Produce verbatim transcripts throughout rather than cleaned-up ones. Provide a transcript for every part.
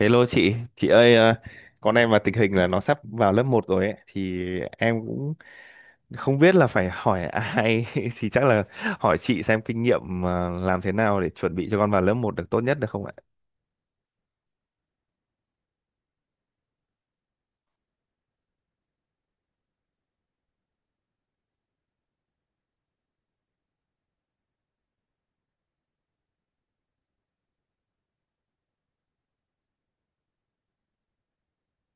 Hello chị, chị ơi ờ, con em mà tình hình là nó sắp vào lớp một rồi ấy thì em cũng không biết là phải hỏi ai thì chắc là hỏi chị xem kinh nghiệm ờ, làm thế nào để chuẩn bị cho con vào lớp một được tốt nhất được không ạ?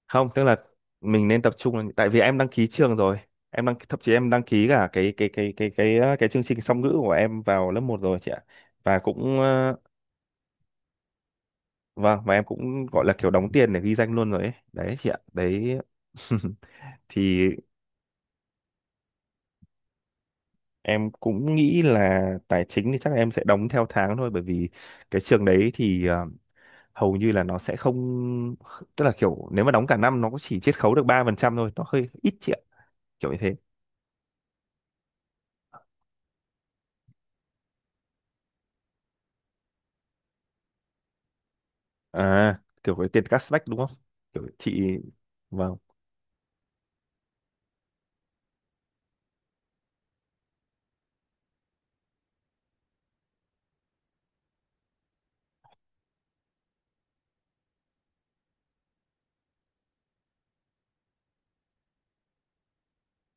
Không, tức là mình nên tập trung là- tại vì em đăng ký trường rồi. Em đăng thậm chí em đăng ký cả cái cái cái cái cái cái, cái chương trình song ngữ của em vào lớp một rồi chị ạ. Và cũng ờ, vâng, và em cũng gọi là kiểu đóng tiền để ghi danh luôn rồi ấy. Đấy chị ạ. Đấy. Thì em cũng nghĩ là tài chính thì chắc là em sẽ đóng theo tháng thôi, bởi vì cái trường đấy thì ờ, hầu như là nó sẽ không, tức là kiểu nếu mà đóng cả năm nó cũng chỉ chiết khấu được ba phần trăm thôi, nó hơi ít chị ạ, kiểu như thế. À, kiểu cái tiền cashback đúng không? Kiểu chị, vâng.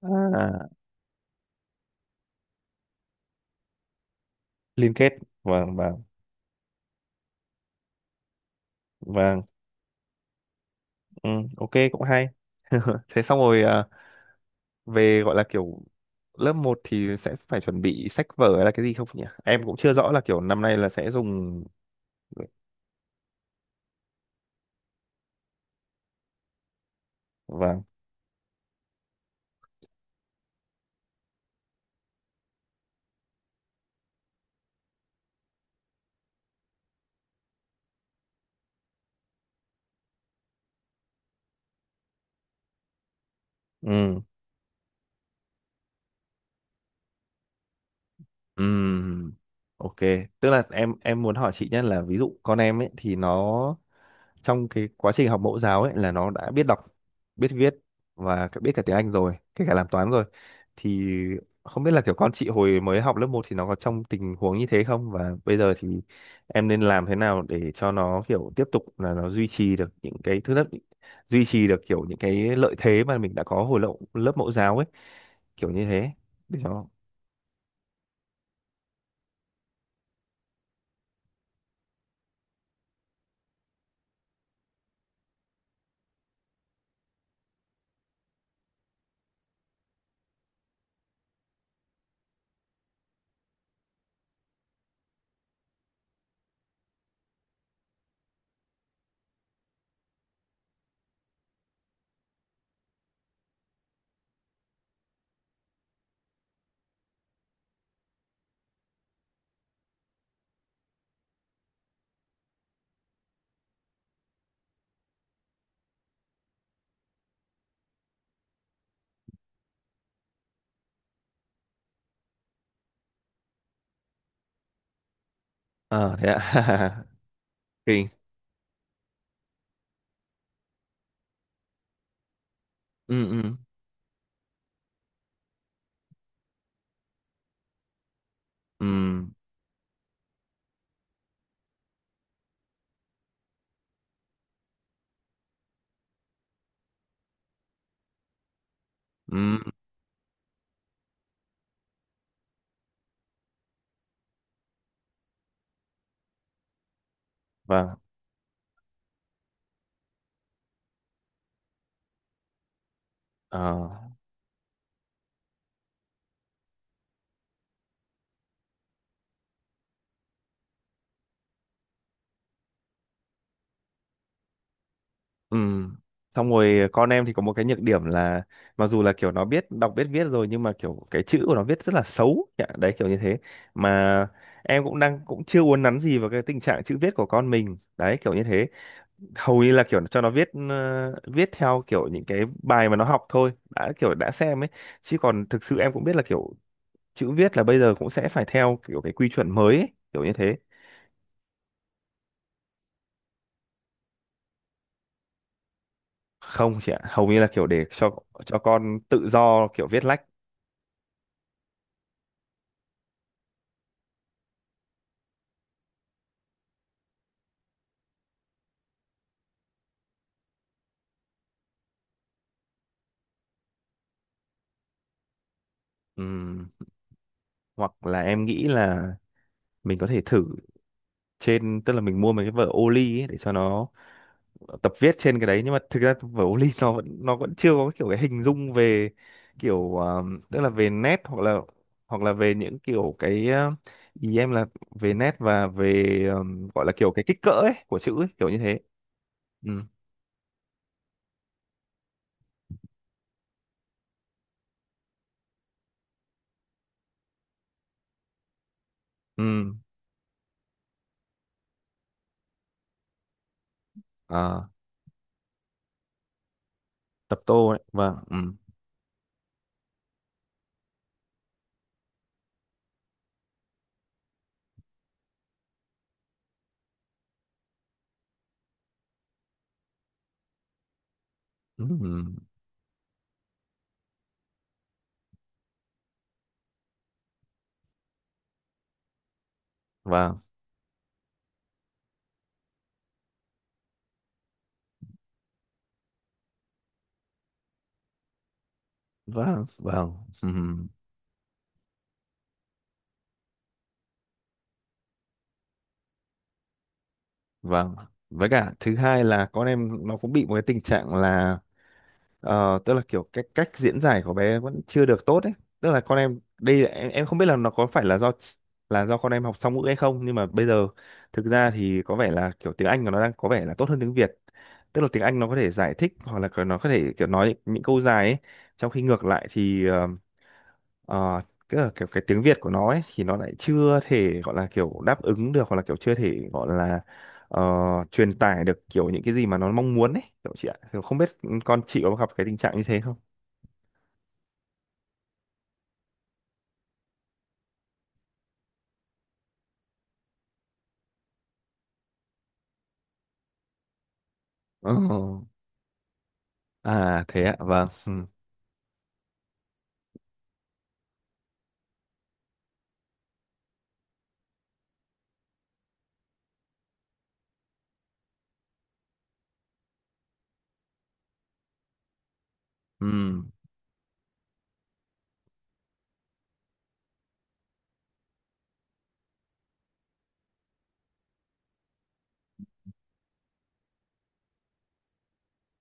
À, liên kết, vâng vâng vâng, ừ, ok cũng hay. Thế xong rồi à, về gọi là kiểu lớp một thì sẽ phải chuẩn bị sách vở hay là cái gì không nhỉ? Em cũng chưa rõ là kiểu năm nay là sẽ dùng. Vâng. Ừ ừ. Ok, tức là em em muốn hỏi chị nhất là ví dụ con em ấy thì nó trong cái quá trình học mẫu giáo ấy là nó đã biết đọc, biết viết, và cả- biết cả tiếng Anh rồi, kể cả làm toán rồi, thì không biết là kiểu con chị hồi mới học lớp một thì nó có trong tình huống như thế không, và bây giờ thì em nên làm thế nào để cho nó kiểu tiếp tục là nó duy trì được những cái thứ nhất, duy trì được kiểu những cái lợi thế mà mình đã có hồi lớp lớp mẫu giáo ấy, kiểu như thế, để cho. Ờ thế ạ. Thì, ừ ừ ừ ừ, và ờ, ừ, xong rồi con em thì có một cái nhược điểm là mặc dù là kiểu nó biết đọc biết viết rồi, nhưng mà kiểu cái chữ của nó viết rất là xấu. Dạ, đấy kiểu như thế, mà em cũng đang cũng chưa uốn nắn gì vào cái tình trạng chữ viết của con mình, đấy kiểu như thế. Hầu như là kiểu cho nó viết ờ, viết theo kiểu những cái bài mà nó học thôi đã, kiểu đã xem ấy, chứ còn thực sự em cũng biết là kiểu chữ viết là bây giờ cũng sẽ phải theo kiểu cái quy chuẩn mới ấy, kiểu như thế. Không chị ạ, hầu như là kiểu để cho cho con tự do kiểu viết lách. Ừm, Hoặc là em nghĩ là mình có thể thử trên, tức là mình mua mấy cái vở ô ly ấy để cho nó tập viết trên cái đấy, nhưng mà thực ra vở ô ly nó vẫn nó vẫn chưa có kiểu cái hình dung về kiểu ờm, tức là về nét, hoặc là hoặc là về những kiểu cái ờ, ý em là về nét và về ờm, gọi là kiểu cái kích cỡ ấy của chữ ấy, kiểu như thế. Ừ ừ. À, tập tô ấy, vâng. Ừ ừ ừ. Vâng vâng vâng. ừm, vâng, với cả thứ hai là con em nó cũng bị một cái tình trạng là ờ, tức là kiểu cái cách diễn giải của bé vẫn chưa được tốt ấy, tức là con em đây là- em em không biết là nó có phải là do là do con em học song ngữ hay không, nhưng mà bây giờ thực ra thì có vẻ là kiểu tiếng Anh của nó đang có vẻ là tốt hơn tiếng Việt, tức là tiếng Anh nó có thể giải thích hoặc là nó có thể kiểu nói những câu dài ấy, trong khi ngược lại thì ờ, Ờ, tức là kiểu cái tiếng Việt của nó ấy thì nó lại chưa thể gọi là kiểu đáp ứng được, hoặc là kiểu chưa thể gọi là ờ, truyền tải được kiểu những cái gì mà nó mong muốn ấy, kiểu chị ạ. Kiểu không biết con chị có gặp cái tình trạng như thế không. Ồ, à thế ạ, vâng. Ừ, ừ,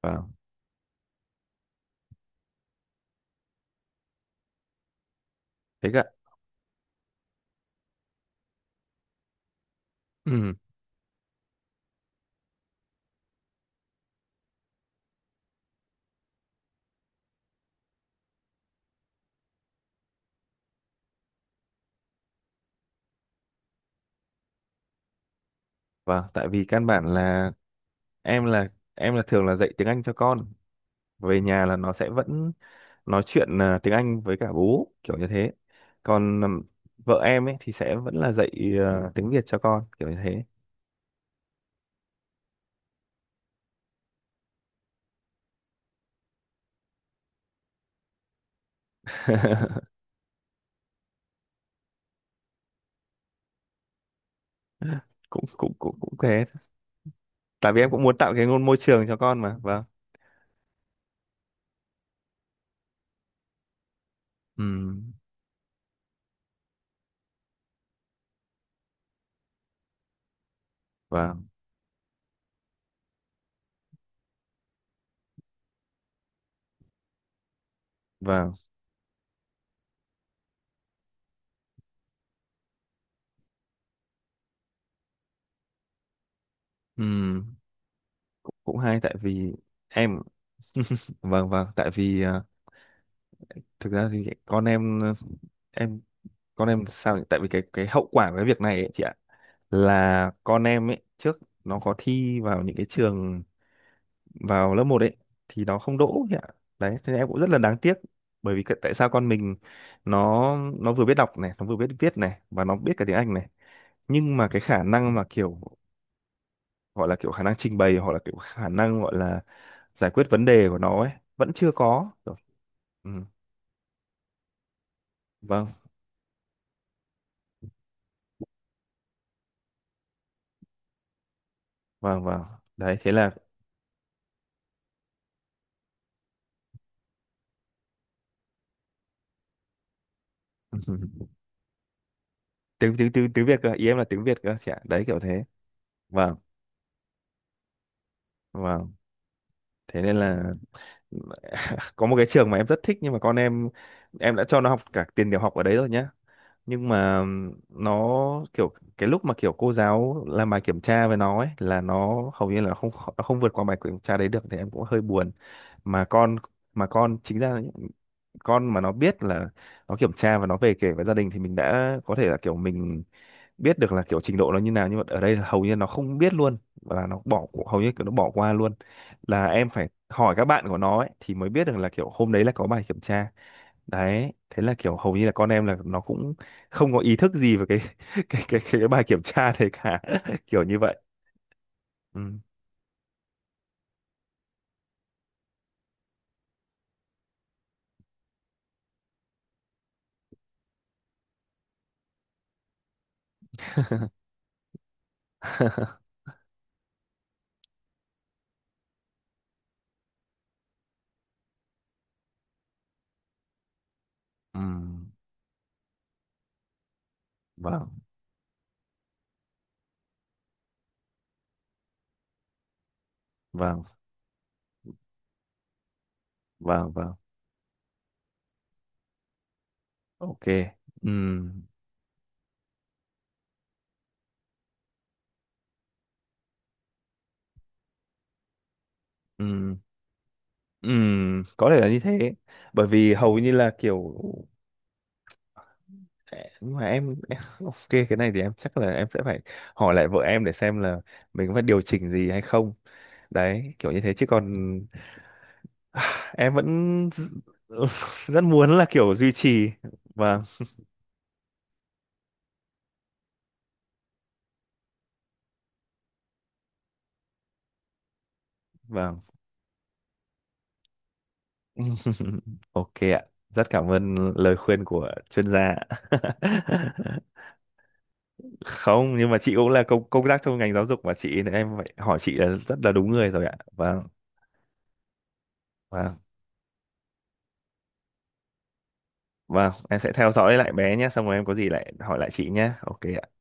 vâng, thế ạ. Ừ, vâng, tại vì căn bản là em là em là thường là dạy tiếng Anh cho con. Về nhà là nó sẽ vẫn nói chuyện à, tiếng Anh với cả bố kiểu như thế, còn ừm, vợ em ấy thì sẽ vẫn là dạy à, tiếng Việt cho con kiểu như thế. Cũng cũng cũng cũng thế, tại vì em cũng muốn tạo cái ngôn môi trường cho con mà, vâng. Ừm, vâng vâng. Ừm, cũng, cũng hay, tại vì em, vâng vâng, tại vì à, thực ra thì con em ờ, em con em sao nhỉ? Tại vì cái cái hậu quả của cái việc này ấy chị ạ, là con em ấy trước nó có thi vào những cái trường vào lớp một ấy, thì nó không đỗ ấy ạ. Đấy, thế em cũng rất là đáng tiếc, bởi vì cái- tại sao con mình, nó nó vừa biết đọc này, nó vừa biết viết này, và nó biết cả tiếng Anh này. Nhưng mà cái khả năng mà kiểu gọi là kiểu khả năng trình bày, hoặc là kiểu khả năng gọi là giải quyết vấn đề của nó ấy, vẫn chưa có. Kiểu, Ừ, vâng, vâng, vâng. Đấy, thế là, tiếng tiếng tiếng tiếng Việt cơ, ý em là tiếng Việt cơ chị ạ. Đấy kiểu thế. Vâng, vâng. Thế nên là có một cái trường mà em rất thích, nhưng mà con em em đã cho nó học cả tiền tiểu học ở đấy rồi nhá, nhưng mà nó kiểu cái lúc mà kiểu cô giáo làm bài kiểm tra với nó ấy là nó hầu như là không, nó không vượt qua bài kiểm tra đấy được, thì em cũng hơi buồn. Mà con, mà con chính ra là những con mà nó biết là nó kiểm tra và nó về kể với gia đình, thì mình đã có thể là kiểu mình biết được là kiểu trình độ nó như nào. Nhưng mà ở đây là hầu như nó không biết luôn, và là nó bỏ, hầu như kiểu nó bỏ qua luôn, là em phải hỏi các bạn của nó ấy, thì mới biết được là kiểu hôm đấy là có bài kiểm tra. Đấy thế là kiểu hầu như là con em là nó cũng không có ý thức gì về cái cái cái cái, cái bài kiểm tra đấy cả. Kiểu như vậy. Ừ. Ừ. Vâng vâng vâng vâng. Ok. Ừ. Ừ. Ừ. Có thể là như thế, bởi vì hầu như là kiểu, nhưng mà em, em, ok, cái này thì em chắc là em sẽ phải hỏi lại vợ em để xem là mình có phải điều chỉnh gì hay không, đấy kiểu như thế. Chứ còn em vẫn rất muốn là kiểu duy trì, vâng vâng. Ok ạ, rất cảm ơn lời khuyên của chuyên gia ạ. Không, nhưng mà chị cũng là công công tác trong ngành giáo dục mà chị, nên em phải hỏi chị là rất là đúng người rồi ạ. Vâng vâng vâng. Em sẽ theo dõi lại bé nhé, xong rồi em có gì lại hỏi lại chị nhé. Ok ạ.